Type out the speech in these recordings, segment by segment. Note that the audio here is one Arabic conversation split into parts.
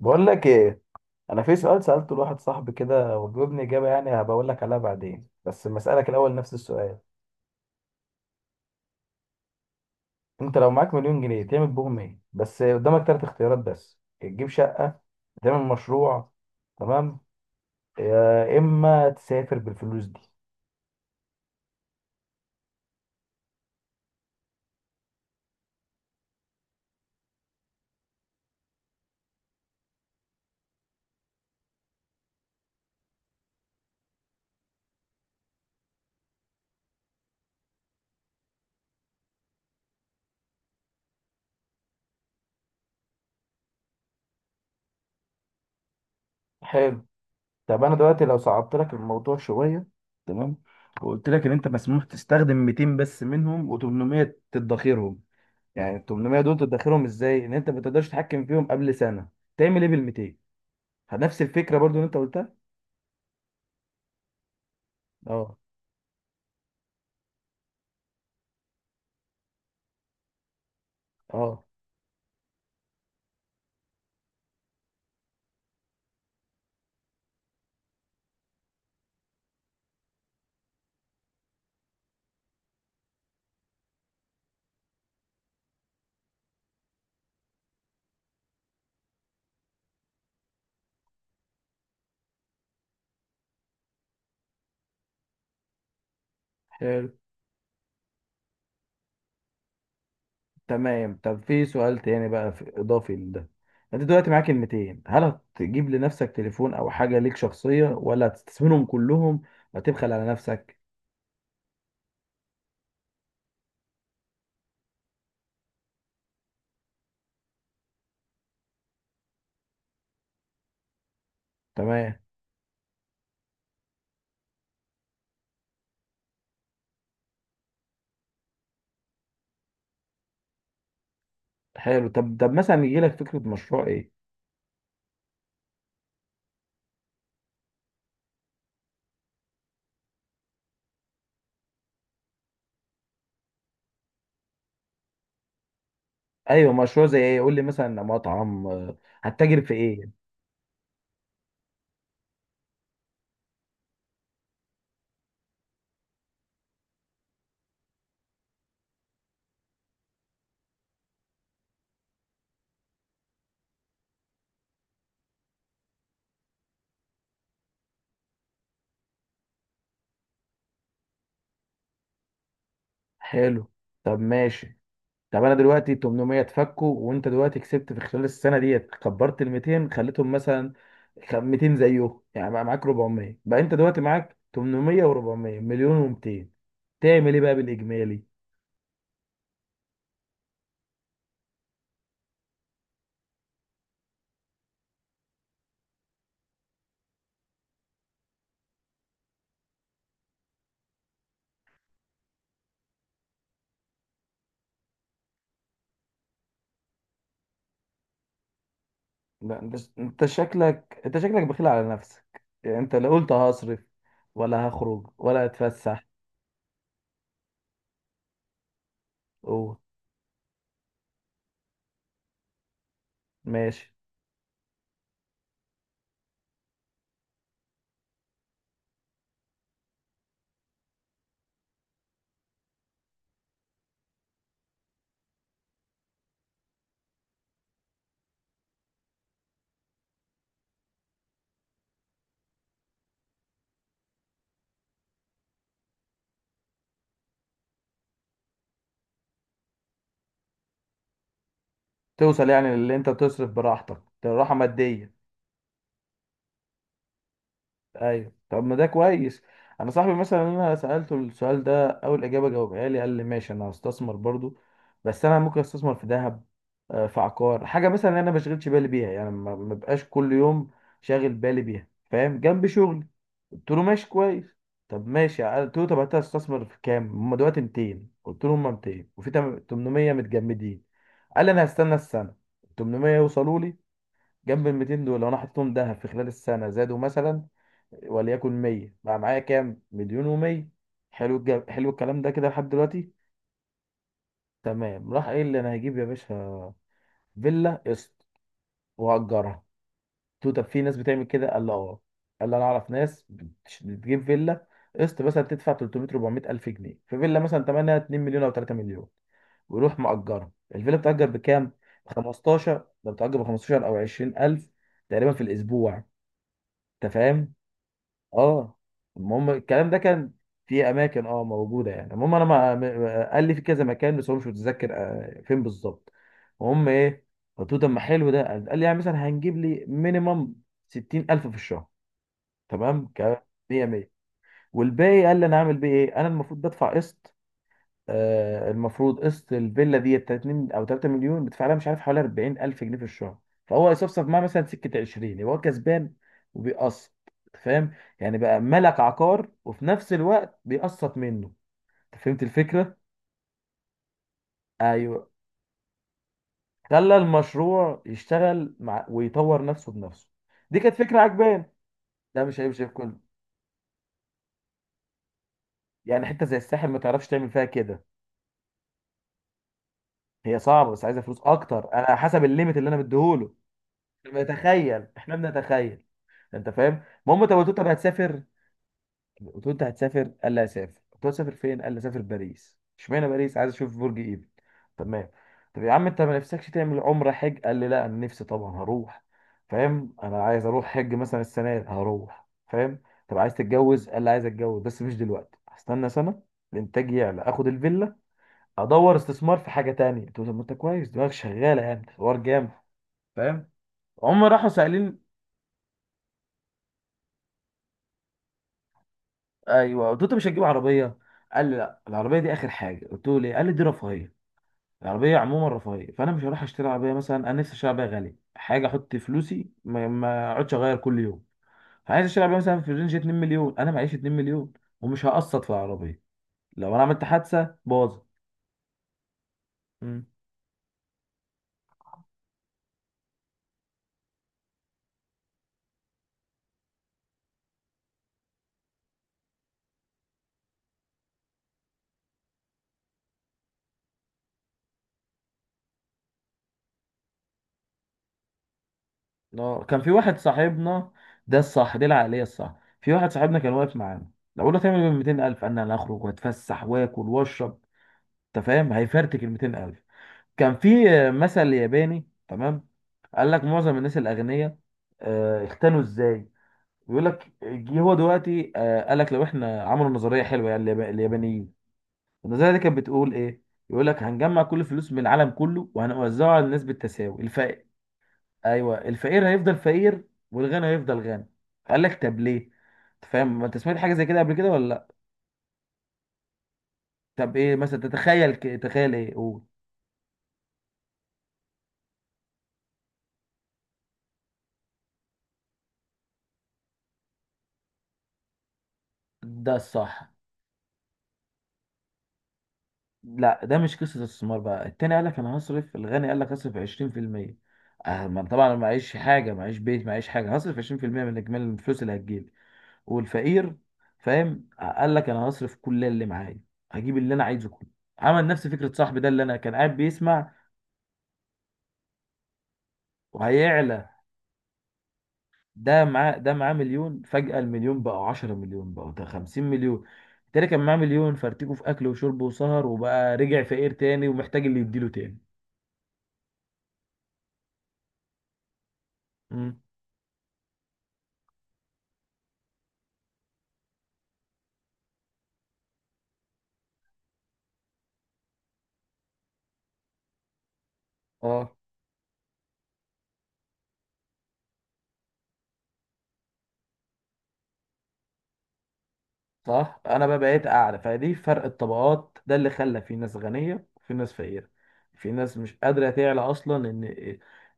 بقول لك ايه. انا في سؤال سالته لواحد صاحبي كده وجاوبني اجابه، يعني هبقول لك عليها بعدين، بس لما اسالك الاول نفس السؤال. انت لو معاك مليون جنيه تعمل بهم ايه؟ بس قدامك ثلاث اختيارات، بس يا تجيب شقه، تعمل مشروع، تمام، يا اما تسافر بالفلوس دي. حلو. طب انا دلوقتي لو صعبت لك الموضوع شويه، تمام، وقلت لك ان انت مسموح تستخدم 200 بس منهم و800 تدخرهم. يعني ال 800 دول تدخرهم ازاي؟ ان انت ما تقدرش تتحكم فيهم قبل سنه. تعمل ايه بال200؟ نفس الفكرة برضو اللي انت قلتها. اه. اه. حلو. تمام. طب في سؤال تاني بقى، في اضافي لده. انت دلوقتي معاك كلمتين، هل هتجيب لنفسك تليفون او حاجة ليك شخصية، ولا هتستثمرهم كلهم وتبخل على نفسك؟ تمام. حلو. طب مثلا يجي لك فكرة مشروع ايه؟ ايوه، مشروع زي ايه؟ قول لي، مثلا مطعم، هتتاجر في ايه؟ حلو. طب ماشي. طب انا دلوقتي 800 اتفكوا وانت دلوقتي كسبت في خلال السنه ديت، كبرت ال 200 خليتهم مثلا 200 زيه، يعني بقى معاك 400، بقى انت دلوقتي معاك 800 و400، مليون و200. تعمل ايه بقى بالاجمالي؟ لا، انت شكلك بخيل على نفسك، يعني انت لا قلت هصرف ولا هخرج ولا هتفسح. اوه. ماشي. توصل يعني اللي انت تصرف براحتك، ده راحه ماديه. ايوه. طب ما ده كويس. انا صاحبي مثلا انا سالته السؤال ده، اول اجابه جاوبها لي قال لي ماشي انا هستثمر برضو، بس انا ممكن استثمر في ذهب، في عقار، حاجه مثلا انا ما بشغلش بالي بيها، يعني ما بقاش كل يوم شاغل بالي بيها، فاهم، جنب شغلي. قلت له ماشي، كويس. طب ماشي. قلت له طب انت هتستثمر في كام؟ هم دلوقتي 200. قلت له هم 200، وفي 800 متجمدين. قال لي انا هستنى السنه، 800 يوصلوا لي جنب ال 200 دول، لو انا حطيتهم ذهب في خلال السنه زادوا مثلا وليكن 100، بقى معايا كام؟ مليون و100. حلو الكلام ده كده لحد دلوقتي. تمام. راح قايل لي انا هجيب يا باشا فيلا قسط وهأجرها. قلت له طب في ناس بتعمل كده؟ قال لي اه. قال لي انا اعرف ناس بتجيب فيلا قسط، مثلا تدفع 300 400 الف جنيه في فيلا مثلا ثمنها 2 مليون او 3 مليون، ويروح مأجرها. الفيلا بتأجر بكام؟ ب 15، ده بتأجر ب 15 او 20 الف تقريبا في الاسبوع. انت فاهم؟ اه. المهم الكلام ده كان في اماكن، اه، موجوده يعني. المهم انا، قال لي في كذا مكان بس هو مش متذكر، فين بالظبط. المهم ايه؟ قلت له طب ما حلو ده. قال لي يعني مثلا هنجيب لي مينيمم 60000 في الشهر. تمام. ك 100 100، والباقي قال لي انا اعمل بيه ايه؟ انا المفروض بدفع قسط. المفروض قسط الفيلا دي 2 او 3 مليون بتدفع لها، مش عارف، حوالي 40 الف جنيه في الشهر. فهو يصفصف معاه مثلا سكه 20، يبقى هو كسبان وبيقسط. أنت فاهم؟ يعني بقى ملك عقار وفي نفس الوقت بيقسط منه. انت فهمت الفكره؟ ايوه. خلى المشروع يشتغل مع ويطور نفسه بنفسه. دي كانت فكره عجبان. ده مش هيمشي في كله، يعني حته زي الساحل ما تعرفش تعمل فيها كده، هي صعبه بس عايزه فلوس اكتر، انا حسب الليميت اللي انا مديهوله بتخيل. احنا بنتخيل. انت فاهم؟ المهم. طب قلت له طب هتسافر؟ قلت له انت هتسافر؟ قال لي هسافر. قلت له هتسافر فين؟ قال لي هسافر باريس. اشمعنى باريس؟ عايز اشوف برج ايفل. تمام. طب يا عم انت ما نفسكش تعمل عمره، حج؟ قال لي لا انا نفسي طبعا هروح، فاهم، انا عايز اروح حج مثلا السنه دي هروح، فاهم. طب عايز تتجوز؟ قال لي عايز اتجوز بس مش دلوقتي، هستنى سنه الانتاج يعلى، اخد الفيلا، ادور استثمار في حاجه تانية. قلت له طب ما انت كويس، دماغك شغاله، يعني حوار جامد. فاهم؟ هم راحوا سائلين. ايوه. قلت له انت مش هتجيب عربيه؟ قال لي لا، العربيه دي اخر حاجه. قلت له ليه؟ قال لي دي رفاهيه، العربيه عموما رفاهيه، فانا مش هروح اشتري عربيه. مثلا انا نفسي اشتري عربيه غاليه حاجه، احط فلوسي، ما اقعدش اغير كل يوم. عايز اشتري عربيه مثلا في رينج 2 مليون، انا معيش 2 مليون، ومش هقسط في العربيه، لو انا عملت حادثه باظت. مم. اه. كان في واحد صاحبنا. ده الصح، دي العقليه الصح. في واحد صاحبنا كان واقف معانا، لو قلنا تعمل ب 200000 قال لي انا هخرج واتفسح واكل واشرب. انت فاهم؟ هيفرتك ال 200000. كان في مثل ياباني. تمام. قال لك معظم الناس الاغنياء، اختلوا ازاي. بيقول لك جه هو دلوقتي، قال لك لو احنا عملوا نظريه حلوه، يعني اليابانيين. النظريه دي كانت بتقول ايه؟ يقول لك هنجمع كل الفلوس من العالم كله، وهنوزعها على الناس بالتساوي. الفقير. ايوه. الفقير هيفضل فقير، والغني هيفضل غني. قال لك طب ليه. أنت فاهم؟ ما انت سمعت حاجه زي كده قبل كده ولا لا؟ طب ايه مثلا تتخيل؟ تخيل ايه؟ قول. ده الصح. لا ده مش قصة استثمار بقى. التاني قال لك انا هصرف. الغني قال لك هصرف 20%، ما طبعا أنا معيش حاجة، معيش بيت، معيش حاجة، هصرف 20% من اجمالي الفلوس اللي هتجيلي. والفقير، فاهم، قال لك انا هصرف كل اللي معايا، هجيب اللي انا عايزه كله. عمل نفس فكرة صاحبي ده اللي انا كان قاعد بيسمع. وهيعلى. ده معاه مليون، فجأة المليون بقى 10 مليون، بقى ده 50 مليون. التاني كان معاه مليون، فرتكه في اكل وشرب وسهر، وبقى رجع فقير تاني ومحتاج اللي يديله تاني. مم. اه. صح. انا بقى بقيت اعلى، فدي فرق الطبقات ده اللي خلى في ناس غنيه وفي ناس فقيره. في ناس مش قادره تعلى اصلا، ان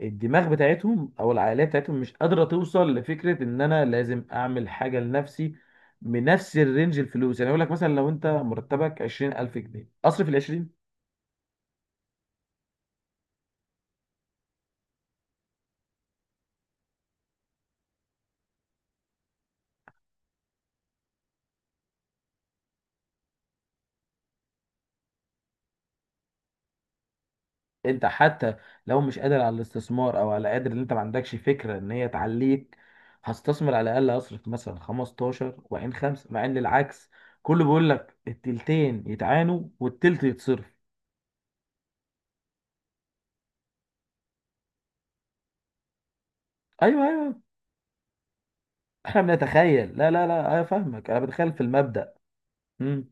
الدماغ بتاعتهم او العقليه بتاعتهم مش قادره توصل لفكره ان انا لازم اعمل حاجه لنفسي بنفس الرينج الفلوس. يعني اقول لك مثلا لو انت مرتبك 20000 جنيه، اصرف ال. انت حتى لو مش قادر على الاستثمار، او على قادر ان انت ما عندكش فكره ان هي تعليك، هستثمر على الاقل، اصرف مثلا 15 وعين خمسه، مع ان العكس كله بيقول لك التلتين يتعانوا والتلت يتصرف. ايوه، ايوه. احنا بنتخيل. لا، لا، لا، انا فاهمك، انا بتخيل في المبدأ. امم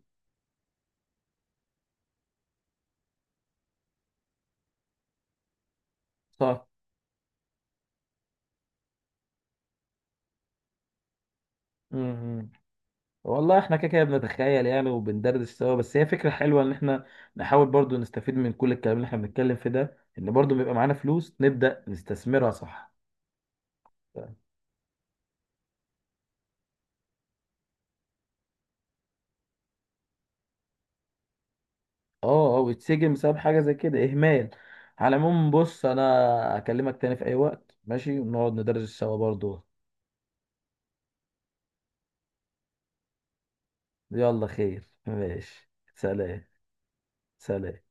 صح. امم والله احنا كده كده بنتخيل يعني، وبندردش سوا، بس هي فكره حلوه ان احنا نحاول برضو نستفيد من كل الكلام اللي احنا بنتكلم في ده، ان برضو بيبقى معانا فلوس نبدأ نستثمرها. صح. اه، اه. ويتسجن بسبب حاجه زي كده، اهمال. على العموم بص، انا اكلمك تاني في اي وقت، ماشي، ونقعد ندرس سوا برضو. يلا، خير، ماشي. سلام. سلام.